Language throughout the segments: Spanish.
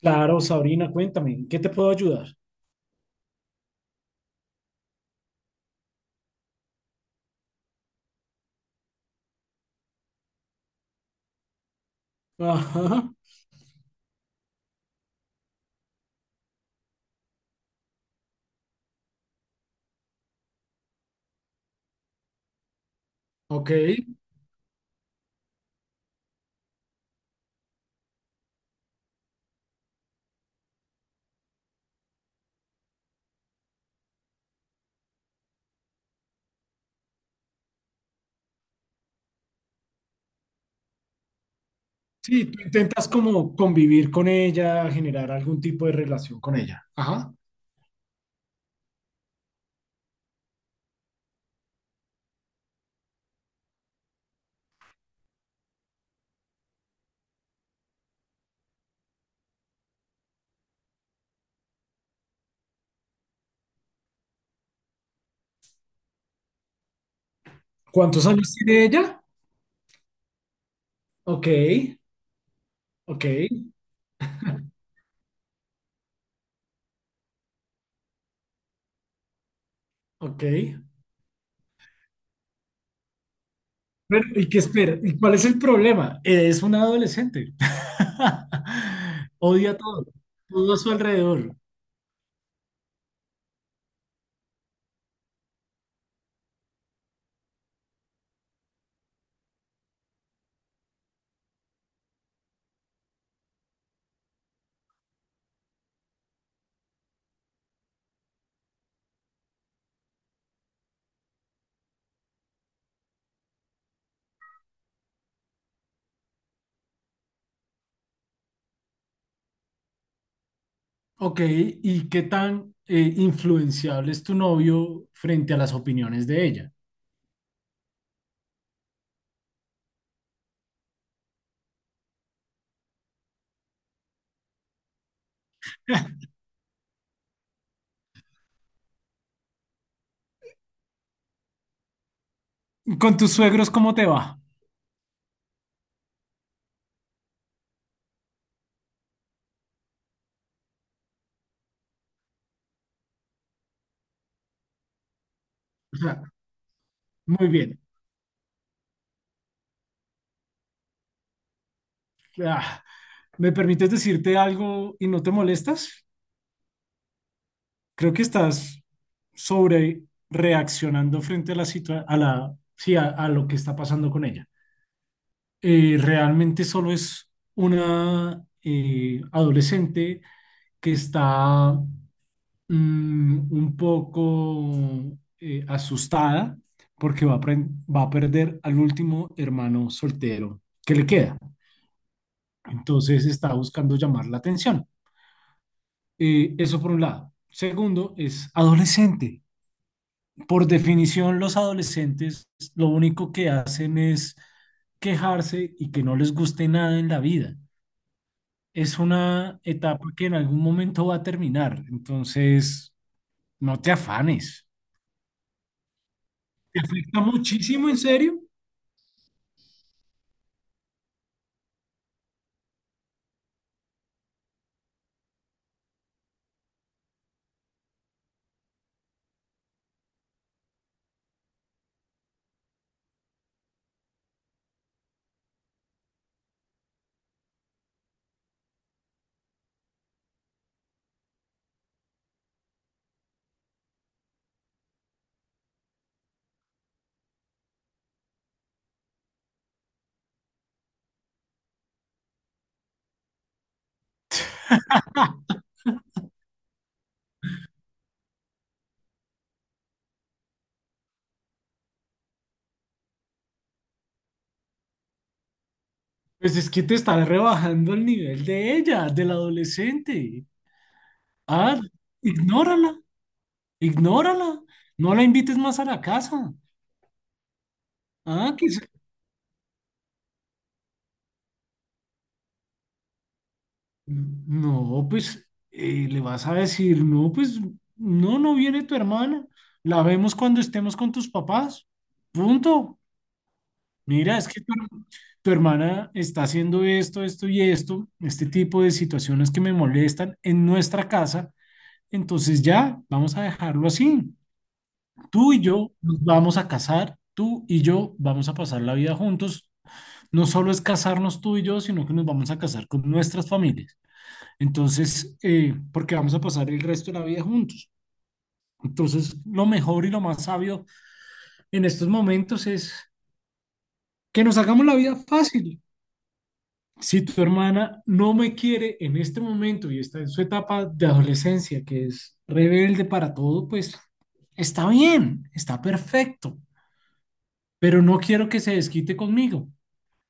Claro, Sabrina, cuéntame, ¿en ¿qué te puedo ayudar? Ajá, ok. Sí, tú intentas como convivir con ella, generar algún tipo de relación con ella. Ajá. ¿Cuántos años tiene ella? Ok, ok, ok. Pero, ¿y qué espera? ¿Y cuál es el problema? Es una adolescente. Odia todo, todo a su alrededor. Ok, ¿y qué tan influenciable es tu novio frente a las opiniones de ella? ¿Con tus suegros cómo te va? Muy bien. Ah, ¿me permites decirte algo y no te molestas? Creo que estás sobre reaccionando frente a la, sí, a lo que está pasando con ella. Realmente solo es una adolescente que está un poco asustada porque va a perder al último hermano soltero que le queda. Entonces está buscando llamar la atención. Eso por un lado. Segundo, es adolescente. Por definición, los adolescentes lo único que hacen es quejarse y que no les guste nada en la vida. Es una etapa que en algún momento va a terminar, entonces no te afanes. ¿Te afecta muchísimo, en serio? Pues es que te estás rebajando el nivel de ella, del adolescente. Ah, ignórala, ignórala. No la invites más a la casa. Ah, que se No, pues le vas a decir, no, pues no viene tu hermana, la vemos cuando estemos con tus papás, punto. Mira, es que tu hermana está haciendo esto, esto y esto, este tipo de situaciones que me molestan en nuestra casa, entonces ya, vamos a dejarlo así. Tú y yo nos vamos a casar, tú y yo vamos a pasar la vida juntos. No solo es casarnos tú y yo, sino que nos vamos a casar con nuestras familias. Entonces, porque vamos a pasar el resto de la vida juntos. Entonces, lo mejor y lo más sabio en estos momentos es que nos hagamos la vida fácil. Si tu hermana no me quiere en este momento y está en su etapa de adolescencia, que es rebelde para todo, pues está bien, está perfecto, pero no quiero que se desquite conmigo.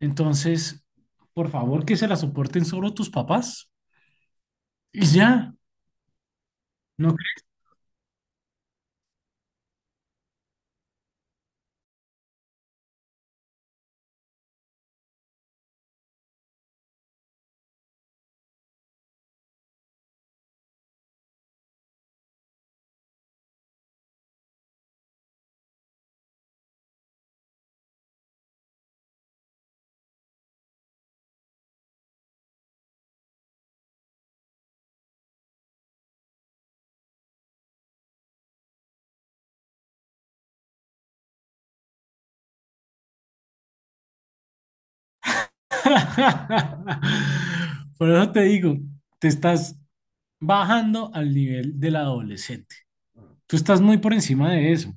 Entonces, por favor, que se la soporten solo tus papás y ya. No. Por eso te digo, te estás bajando al nivel del adolescente. Tú estás muy por encima de eso,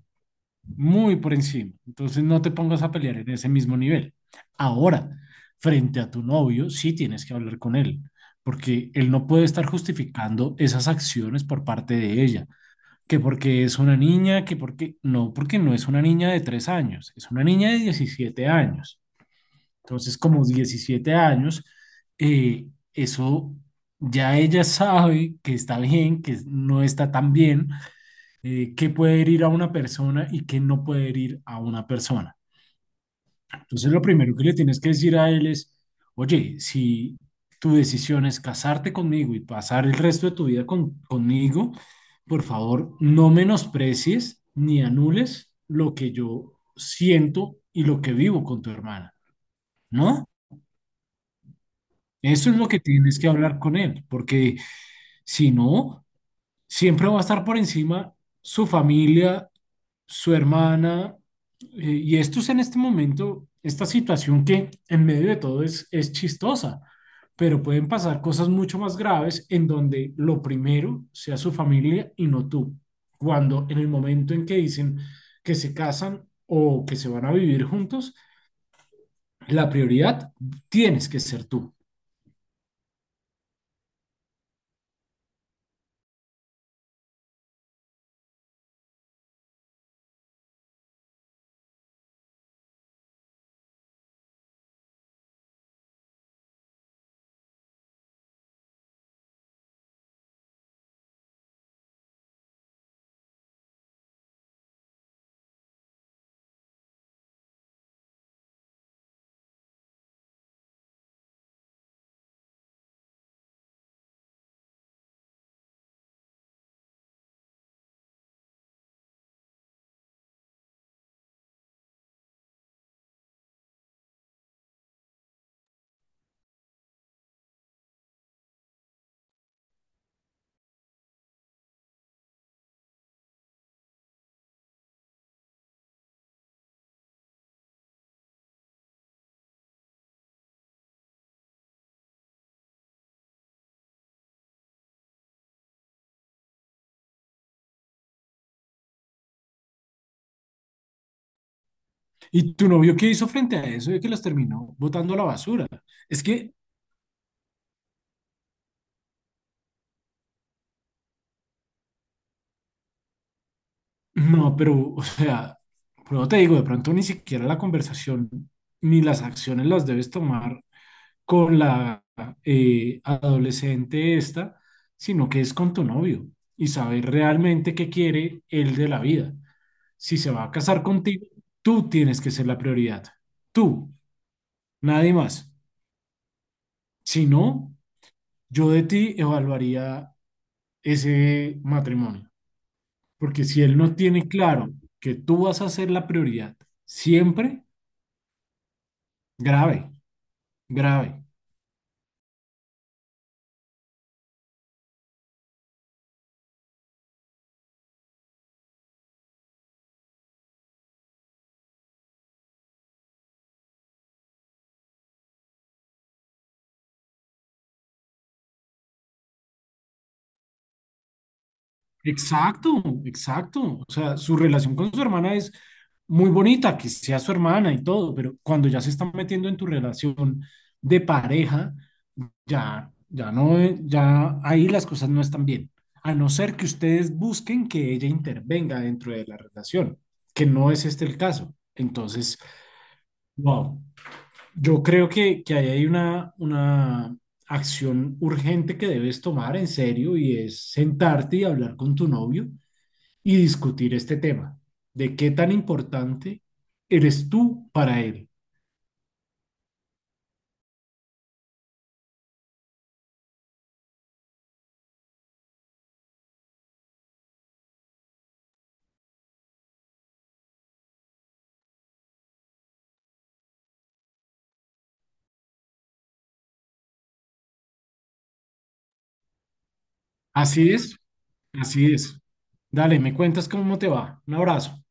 muy por encima. Entonces no te pongas a pelear en ese mismo nivel. Ahora, frente a tu novio, sí tienes que hablar con él, porque él no puede estar justificando esas acciones por parte de ella. Que porque es una niña, que porque no es una niña de 3 años, es una niña de 17 años. Entonces, como 17 años, eh, eso ya ella sabe que está bien, que no está tan bien, que puede herir a una persona y que no puede herir a una persona. Entonces, lo primero que le tienes que decir a él es, oye, si tu decisión es casarte conmigo y pasar el resto de tu vida conmigo, por favor, no menosprecies ni anules lo que yo siento y lo que vivo con tu hermana, ¿no? Eso es lo que tienes que hablar con él, porque si no, siempre va a estar por encima su familia, su hermana, y esto es en este momento, esta situación que en medio de todo es chistosa, pero pueden pasar cosas mucho más graves en donde lo primero sea su familia y no tú. Cuando en el momento en que dicen que se casan o que se van a vivir juntos, la prioridad tienes que ser tú. ¿Y tu novio qué hizo frente a eso? De que las terminó botando a la basura. Es que, no, pero, o sea, pero te digo, de pronto ni siquiera la conversación ni las acciones las debes tomar con la adolescente esta, sino que es con tu novio y saber realmente qué quiere él de la vida. Si se va a casar contigo, tú tienes que ser la prioridad. Tú, nadie más. Si no, yo de ti evaluaría ese matrimonio. Porque si él no tiene claro que tú vas a ser la prioridad siempre, grave, grave. Exacto, exacto. O sea, su relación con su hermana es muy bonita, que sea su hermana y todo, pero cuando ya se está metiendo en tu relación de pareja, ya, ya no, ya ahí las cosas no están bien. A no ser que ustedes busquen que ella intervenga dentro de la relación, que no es este el caso. Entonces, wow. Yo creo que, ahí hay una acción urgente que debes tomar en serio y es sentarte y hablar con tu novio y discutir este tema de qué tan importante eres tú para él. Así es, así es. Dale, me cuentas cómo te va. Un abrazo.